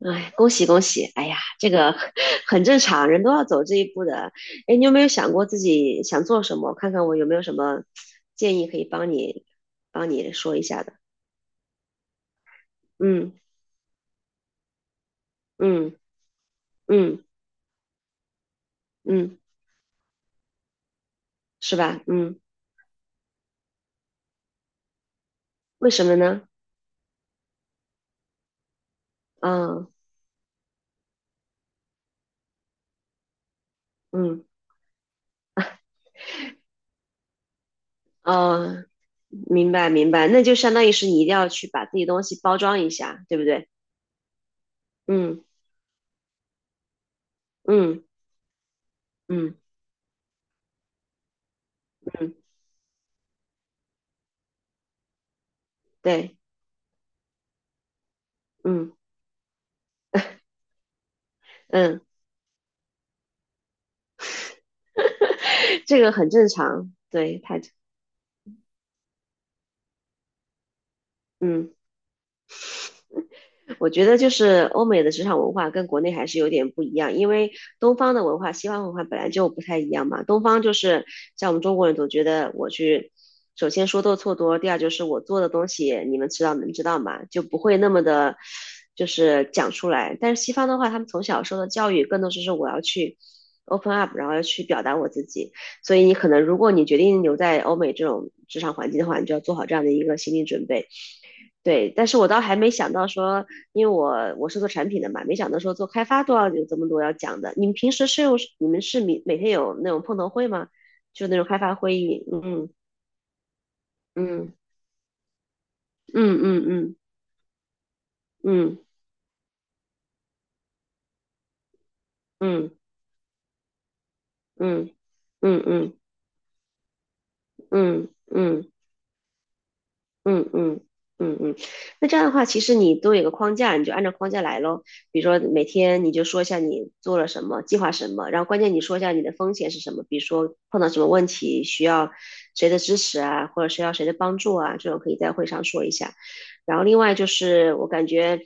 哎，恭喜恭喜！哎呀，这个 很正常，人都要走这一步的。哎，你有没有想过自己想做什么？看看我有没有什么建议可以帮你说一下的。嗯嗯嗯嗯，是吧？嗯，为什么呢？嗯嗯哦，明白明白，那就相当于是你一定要去把自己东西包装一下，对不对？嗯嗯嗯嗯，对，嗯嗯，这个很正常，对，太嗯。我觉得就是欧美的职场文化跟国内还是有点不一样，因为东方的文化、西方文化本来就不太一样嘛。东方就是像我们中国人总觉得我去，首先说多错多，第二就是我做的东西你们知道能知道嘛，就不会那么的，就是讲出来。但是西方的话，他们从小受的教育更多是说我要去 open up，然后要去表达我自己。所以你可能如果你决定留在欧美这种职场环境的话，你就要做好这样的一个心理准备。对，但是我倒还没想到说，因为我是做产品的嘛，没想到说做开发都要有这么多要讲的。你们平时是用你们是每天有那种碰头会吗？就那种开发会议？嗯嗯嗯嗯嗯嗯嗯嗯嗯嗯嗯嗯嗯嗯。嗯嗯嗯嗯嗯嗯嗯嗯嗯，那这样的话，其实你都有个框架，你就按照框架来咯。比如说每天你就说一下你做了什么，计划什么，然后关键你说一下你的风险是什么，比如说碰到什么问题需要谁的支持啊，或者需要谁的帮助啊，这种可以在会上说一下。然后另外就是我感觉，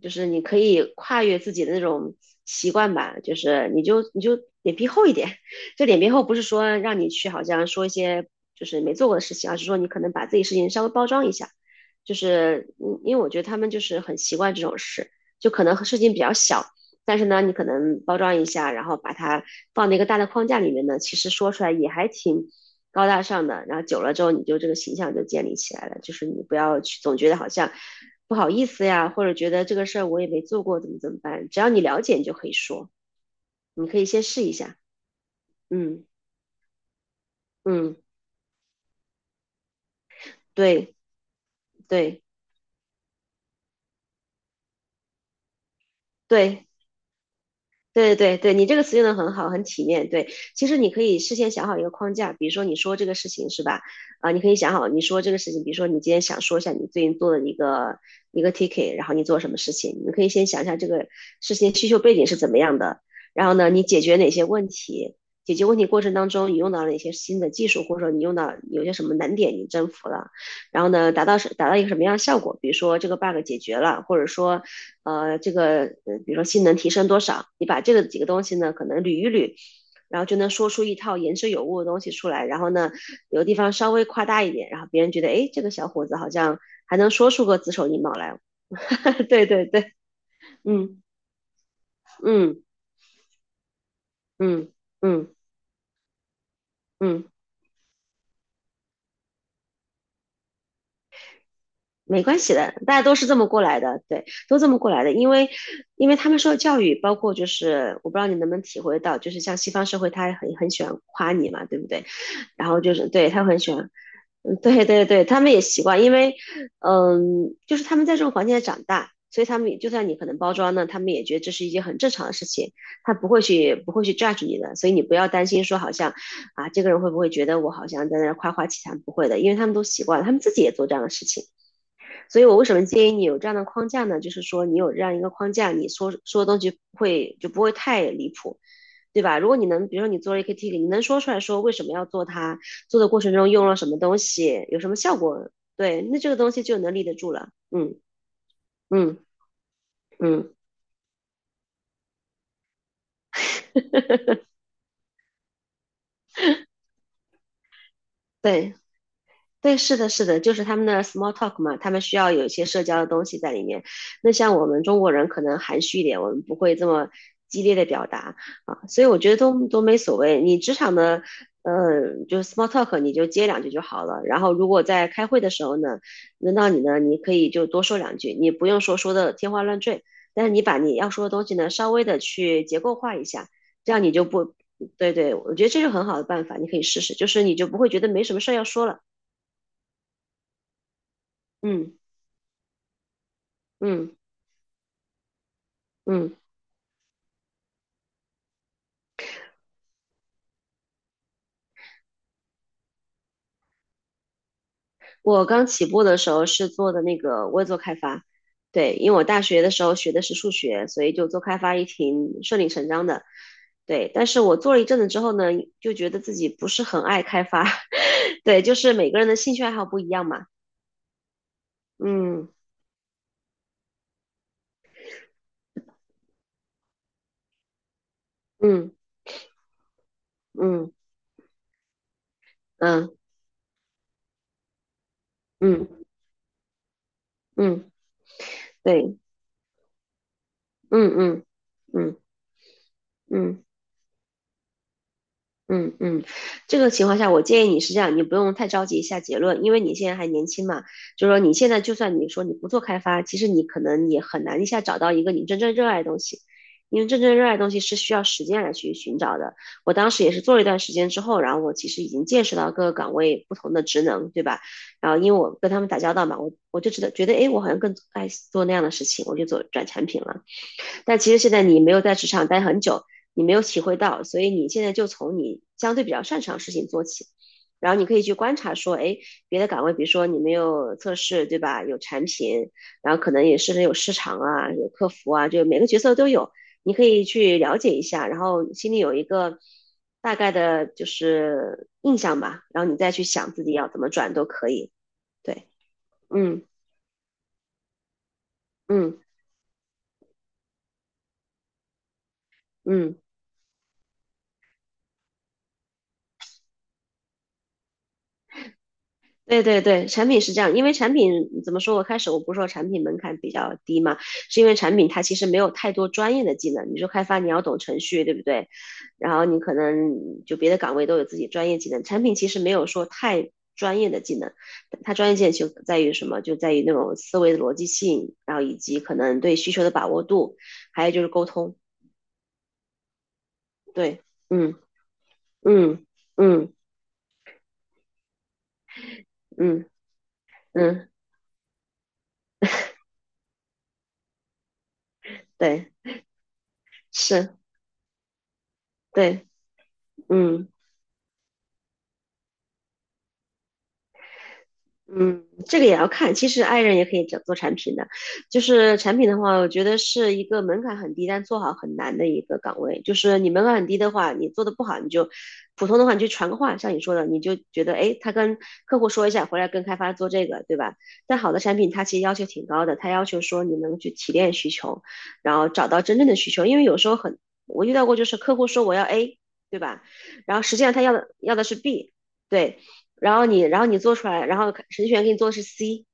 就是你可以跨越自己的那种习惯吧，就是你就脸皮厚一点，就脸皮厚，不是说让你去好像说一些就是没做过的事情，而是说你可能把自己事情稍微包装一下。就是嗯，因为我觉得他们就是很习惯这种事，就可能事情比较小，但是呢，你可能包装一下，然后把它放在一个大的框架里面呢，其实说出来也还挺高大上的。然后久了之后，你就这个形象就建立起来了。就是你不要去总觉得好像不好意思呀，或者觉得这个事儿我也没做过，怎么怎么办？只要你了解，你就可以说，你可以先试一下。嗯嗯。对对对对对对，你这个词用的很好，很体面。对，其实你可以事先想好一个框架，比如说你说这个事情是吧？啊，你可以想好你说这个事情，比如说你今天想说一下你最近做的一个 ticket，然后你做什么事情，你可以先想一下这个事情需求背景是怎么样的，然后呢，你解决哪些问题，解决问题过程当中你用到了哪些新的技术，或者说你用到有些什么难点你征服了。然后呢，达到是达到一个什么样的效果？比如说这个 bug 解决了，或者说这个比如说性能提升多少，你把这个几个东西呢，可能捋一捋，然后就能说出一套言之有物的东西出来。然后呢，有的地方稍微夸大一点，然后别人觉得，哎，这个小伙子好像还能说出个子丑寅卯来。对对对，嗯嗯嗯嗯嗯，没关系的，大家都是这么过来的，对，都这么过来的。因为他们受的教育，包括就是我不知道你能不能体会到，就是像西方社会，他很喜欢夸你嘛，对不对？然后就是对他很喜欢，嗯，对对对，他们也习惯，因为嗯，就是他们在这种环境下长大，所以他们也就算你可能包装呢，他们也觉得这是一件很正常的事情，他不会去 judge 你的，所以你不要担心说好像啊这个人会不会觉得我好像在那儿夸夸其谈，不会的，因为他们都习惯了，他们自己也做这样的事情，所以我为什么建议你有这样的框架呢？就是说你有这样一个框架，你说说的东西不会就不会太离谱，对吧？如果你能，比如说你做了一个 tick，你能说出来说为什么要做它，做的过程中用了什么东西，有什么效果，对，那这个东西就能立得住了。嗯嗯嗯，对，对，是的，是的，就是他们的 small talk 嘛，他们需要有一些社交的东西在里面。那像我们中国人可能含蓄一点，我们不会这么激烈的表达啊，所以我觉得都没所谓。你职场的，呃，就是 small talk，你就接两句就好了。然后如果在开会的时候呢，轮到你呢，你可以就多说两句，你不用说说的天花乱坠，但是你把你要说的东西呢，稍微的去结构化一下，这样你就不，对对，我觉得这是很好的办法，你可以试试，就是你就不会觉得没什么事儿要说了。嗯嗯嗯，我刚起步的时候是做的那个，我也做开发，对，因为我大学的时候学的是数学，所以就做开发也挺顺理成章的，对。但是我做了一阵子之后呢，就觉得自己不是很爱开发，对，就是每个人的兴趣爱好不一样嘛，嗯嗯嗯嗯嗯嗯，对，嗯嗯嗯嗯。嗯嗯，这个情况下，我建议你是这样，你不用太着急下结论，因为你现在还年轻嘛，就是说你现在就算你说你不做开发，其实你可能也很难一下找到一个你真正热爱的东西，因为真正热爱的东西是需要时间来去寻找的。我当时也是做了一段时间之后，然后我其实已经见识到各个岗位不同的职能，对吧？然后因为我跟他们打交道嘛，我就觉得，诶，我好像更爱做那样的事情，我就做转产品了。但其实现在你没有在职场待很久，你没有体会到，所以你现在就从你相对比较擅长的事情做起，然后你可以去观察说，哎，别的岗位，比如说你没有测试，对吧？有产品，然后可能也是有市场啊，有客服啊，就每个角色都有，你可以去了解一下，然后心里有一个大概的就是印象吧，然后你再去想自己要怎么转都可以。对，嗯嗯嗯。对对对，产品是这样，因为产品怎么说？我开始我不是说产品门槛比较低嘛，是因为产品它其实没有太多专业的技能，你说开发你要懂程序，对不对？然后你可能就别的岗位都有自己专业技能，产品其实没有说太专业的技能，它专业性就在于什么？就在于那种思维的逻辑性，然后以及可能对需求的把握度，还有就是沟通。对，嗯嗯嗯嗯嗯，对，是，对，嗯。嗯，这个也要看。其实 i 人也可以做做产品的，就是产品的话，我觉得是一个门槛很低，但做好很难的一个岗位。就是你门槛很低的话，你做的不好，你就普通的话，你就传个话，像你说的，你就觉得诶，他跟客户说一下，回来跟开发做这个，对吧？但好的产品它其实要求挺高的，它要求说你能去提炼需求，然后找到真正的需求，因为有时候很，我遇到过就是客户说我要 A，对吧？然后实际上他要的是 B。对，然后你做出来，然后程序员给你做的是 C，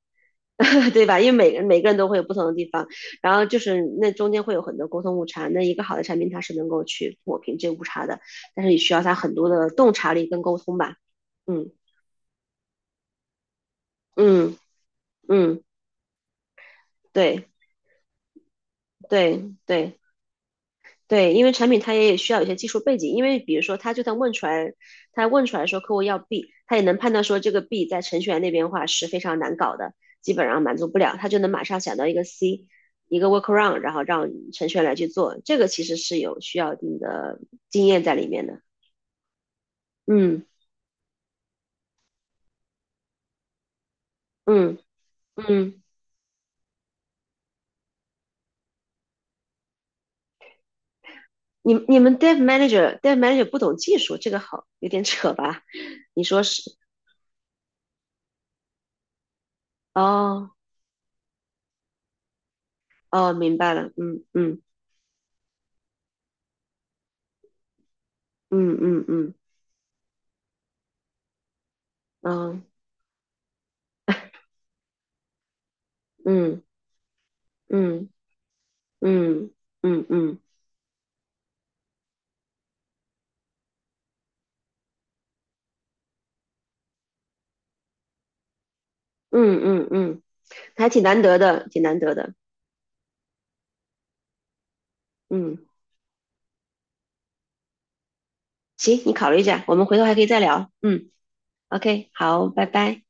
对吧？因为每个人都会有不同的地方，然后就是那中间会有很多沟通误差。那一个好的产品它是能够去抹平这误差的，但是你需要它很多的洞察力跟沟通吧。嗯嗯嗯，对对对对，因为产品它也需要有些技术背景，因为比如说，他就算问出来，他问出来说客户要 B，他也能判断说这个 B 在程序员那边的话是非常难搞的，基本上满足不了，他就能马上想到一个 C，一个 workaround，然后让程序员来去做，这个其实是有需要一定的经验在里面的。嗯嗯嗯，你们 dev manager 不懂技术，这个好有点扯吧？你说是？哦哦，明白了，嗯嗯嗯嗯嗯嗯。嗯嗯嗯嗯嗯嗯嗯嗯嗯，还挺难得的，挺难得的。嗯，行，你考虑一下，我们回头还可以再聊。嗯，OK，好，拜拜。